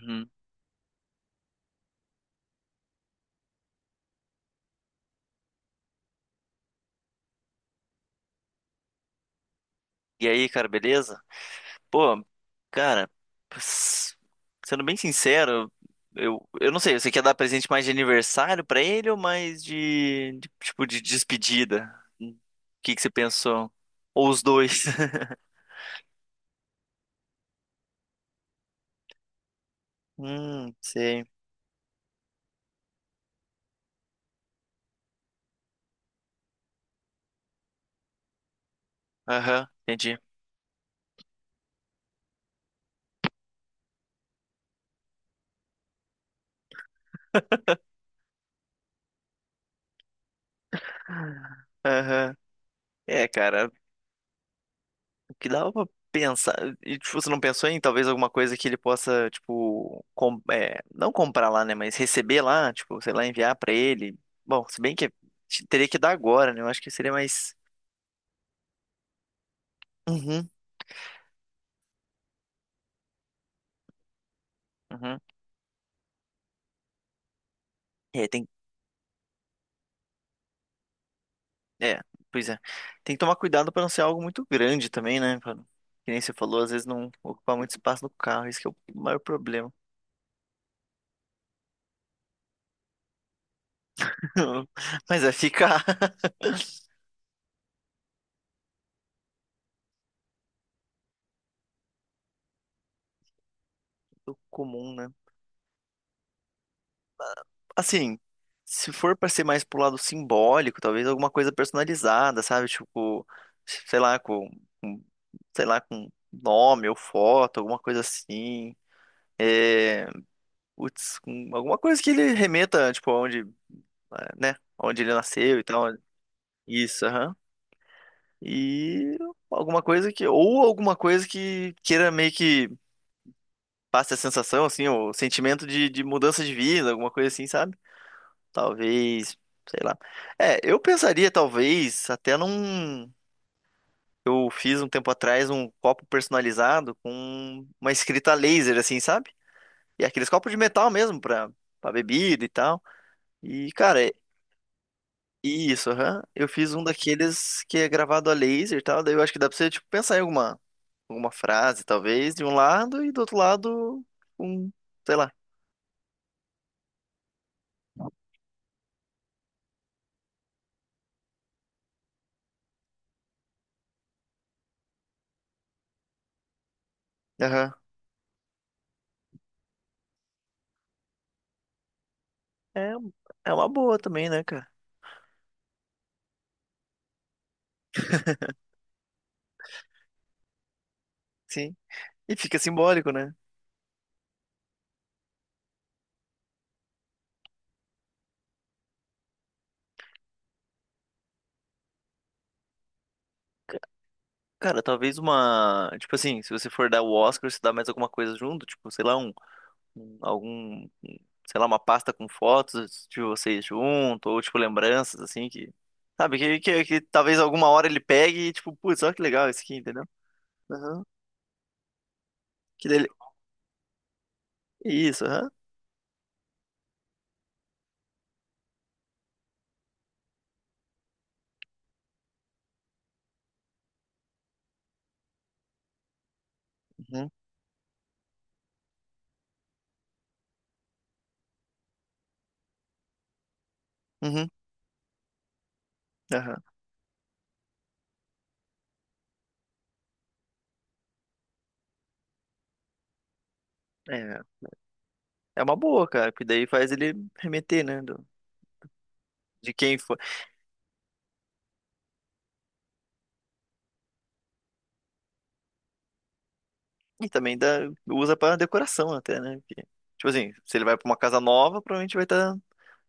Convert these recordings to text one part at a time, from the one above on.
Uhum. E aí, cara, beleza? Pô, cara, s- sendo bem sincero, eu não sei, você quer dar presente mais de aniversário pra ele ou mais de, tipo de despedida? O que que você pensou? Ou os dois? Sei. Aham, entendi. Aham. É, cara, que dava pra pensar. E, tipo, você não pensou em talvez alguma coisa que ele possa, tipo, não comprar lá, né? Mas receber lá, tipo, sei lá, enviar pra ele. Bom, se bem que teria que dar agora, né? Eu acho que seria mais. Uhum, uhum. É, tem. É, pois é. Tem que tomar cuidado pra não ser algo muito grande também, né? Que nem você falou, às vezes não ocupar muito espaço no carro. Esse que é o maior problema. Mas vai ficar. Comum, né? Assim, se for pra ser mais pro lado simbólico, talvez alguma coisa personalizada, sabe? Tipo, sei lá, com- sei lá, com nome ou foto, alguma coisa assim. É, putz, com alguma coisa que ele remeta, tipo, aonde, é, né? Onde ele nasceu e tal. Isso, aham. E alguma coisa que, ou alguma coisa que queira meio que passe a sensação, assim, o sentimento de mudança de vida, alguma coisa assim, sabe? Talvez, sei lá. É, eu pensaria, talvez, até num. Eu fiz um tempo atrás um copo personalizado com uma escrita a laser, assim, sabe? E aqueles copos de metal mesmo, pra bebida e tal. E, cara, isso, aham. Eu fiz um daqueles que é gravado a laser e tal. Daí eu acho que dá pra você, tipo, pensar em alguma frase, talvez, de um lado e do outro lado, um, sei lá. Aham. É, é uma boa também, né, cara? Sim. E fica simbólico, né? Cara, talvez uma. Tipo assim, se você for dar o Oscar, você dá mais alguma coisa junto, tipo, sei lá, um- algum. um, sei lá, uma pasta com fotos de vocês junto, ou tipo, lembranças, assim, que. Sabe, que talvez alguma hora ele pegue e, tipo, putz, olha que legal esse aqui, entendeu? Aham. Que dele... Isso, aham. Uhum. Uhum. Aham. É, é uma boa, cara, porque daí faz ele remeter, né? De quem foi. E também dá, usa pra decoração até, né? Porque, tipo assim, se ele vai pra uma casa nova, provavelmente vai estar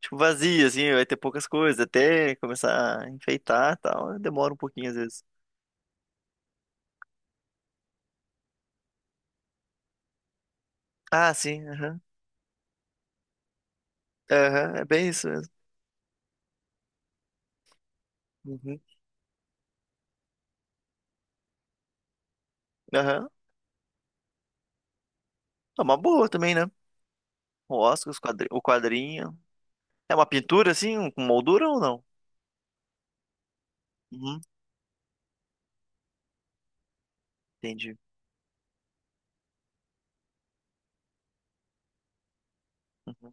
tipo, vazia, assim, vai ter poucas coisas, até começar a enfeitar e tal. Demora um pouquinho às vezes. Ah, sim. Aham, Aham, é bem isso mesmo. Uhum. Aham. É uma boa também, né? O Oscar, o quadrinho. É uma pintura, assim, um, com moldura ou não? Uhum. Entendi. Uhum.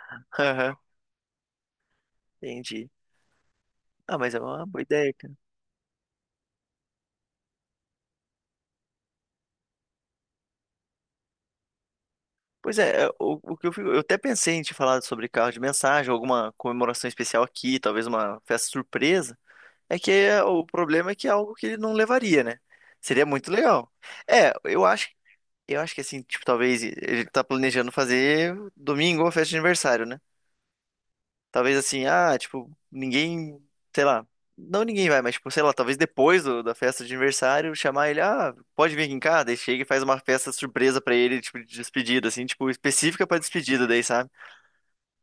Aham, entendi. Ah, mas é uma boa ideia. Pois é, é, o que eu, fico- eu até pensei em te falar sobre carro de mensagem, alguma comemoração especial aqui, talvez uma festa surpresa. O problema é que é algo que ele não levaria, né? Seria muito legal. É, eu acho que assim, tipo, talvez ele tá planejando fazer domingo uma festa de aniversário, né? Talvez assim, ah, tipo, ninguém, sei lá, não ninguém vai, mas tipo, sei lá, talvez depois da festa de aniversário, chamar ele, ah, pode vir aqui em casa, daí chega e faz uma festa surpresa pra ele, tipo, de despedida, assim, tipo, específica pra despedida, daí, sabe?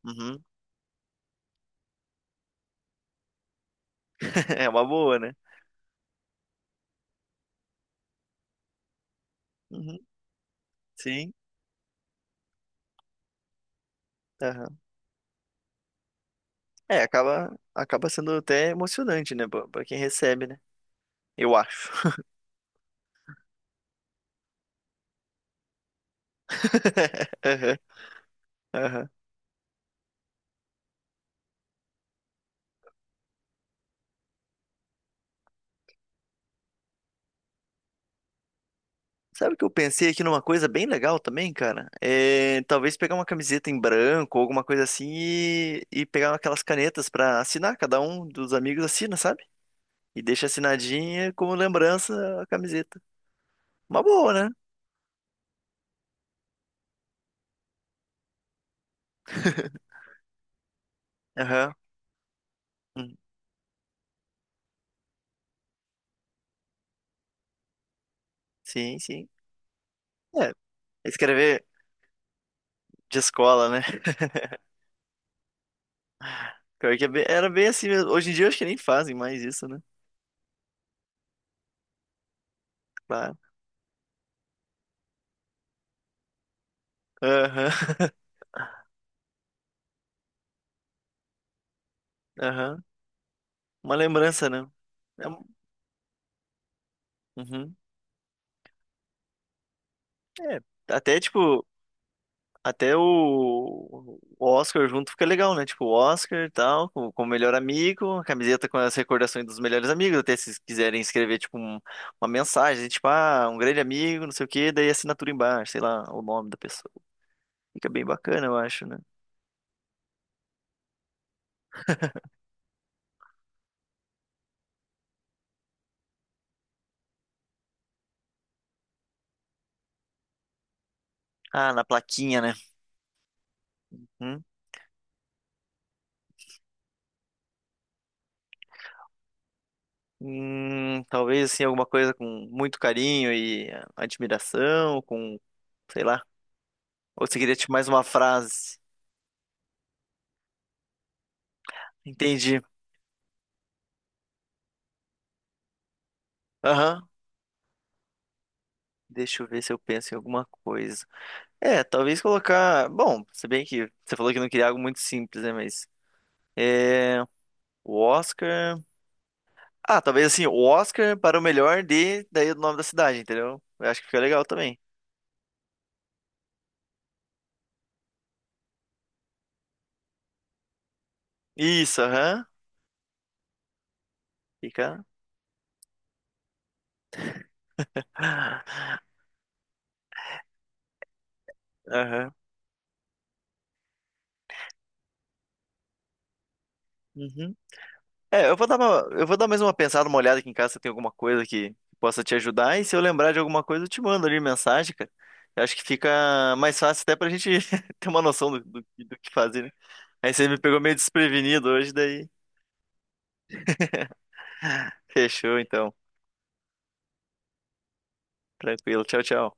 Uhum. É uma boa, né? Uhum. Sim. Aham. É, acaba sendo até emocionante, né, pra quem recebe, né? Eu acho. Aham. Aham. Sabe o que eu pensei aqui numa coisa bem legal também, cara? É, talvez pegar uma camiseta em branco ou alguma coisa assim e pegar aquelas canetas pra assinar. Cada um dos amigos assina, sabe? E deixa assinadinha como lembrança a camiseta. Uma boa, né? Aham. Hum, sim, sim. É, escrever de escola, né? Pior que era bem assim mesmo. Hoje em dia eu acho que nem fazem mais isso, né? Claro. Aham, aham. Uma lembrança, né? É, uhum. É, até tipo. Até o Oscar junto fica legal, né? Tipo, o Oscar e tal, com o melhor amigo, a camiseta com as recordações dos melhores amigos, até se quiserem escrever, tipo, uma mensagem, tipo, ah, um grande amigo, não sei o quê, daí assinatura embaixo, sei lá, o nome da pessoa. Fica bem bacana, eu acho, né? Ah, na plaquinha, né? Hum? Talvez, assim, alguma coisa com muito carinho e admiração, com, sei lá. Ou você queria, tipo, mais uma frase? Entendi. Aham. Deixa eu ver se eu penso em alguma coisa. É, talvez colocar. Bom, se bem que você falou que não queria algo muito simples, né? Mas. É. O Oscar. Ah, talvez assim, o Oscar para o melhor de. Daí o nome da cidade, entendeu? Eu acho que fica legal também. Isso, aham. Fica. Aham. Uhum. É, eu vou dar mais uma pensada, uma olhada aqui em casa se tem alguma coisa que possa te ajudar. E se eu lembrar de alguma coisa, eu te mando ali mensagem, cara. Eu acho que fica mais fácil até pra gente ter uma noção do que fazer, né? Aí você me pegou meio desprevenido hoje, daí. Fechou então. Tranquilo. Tchau, tchau.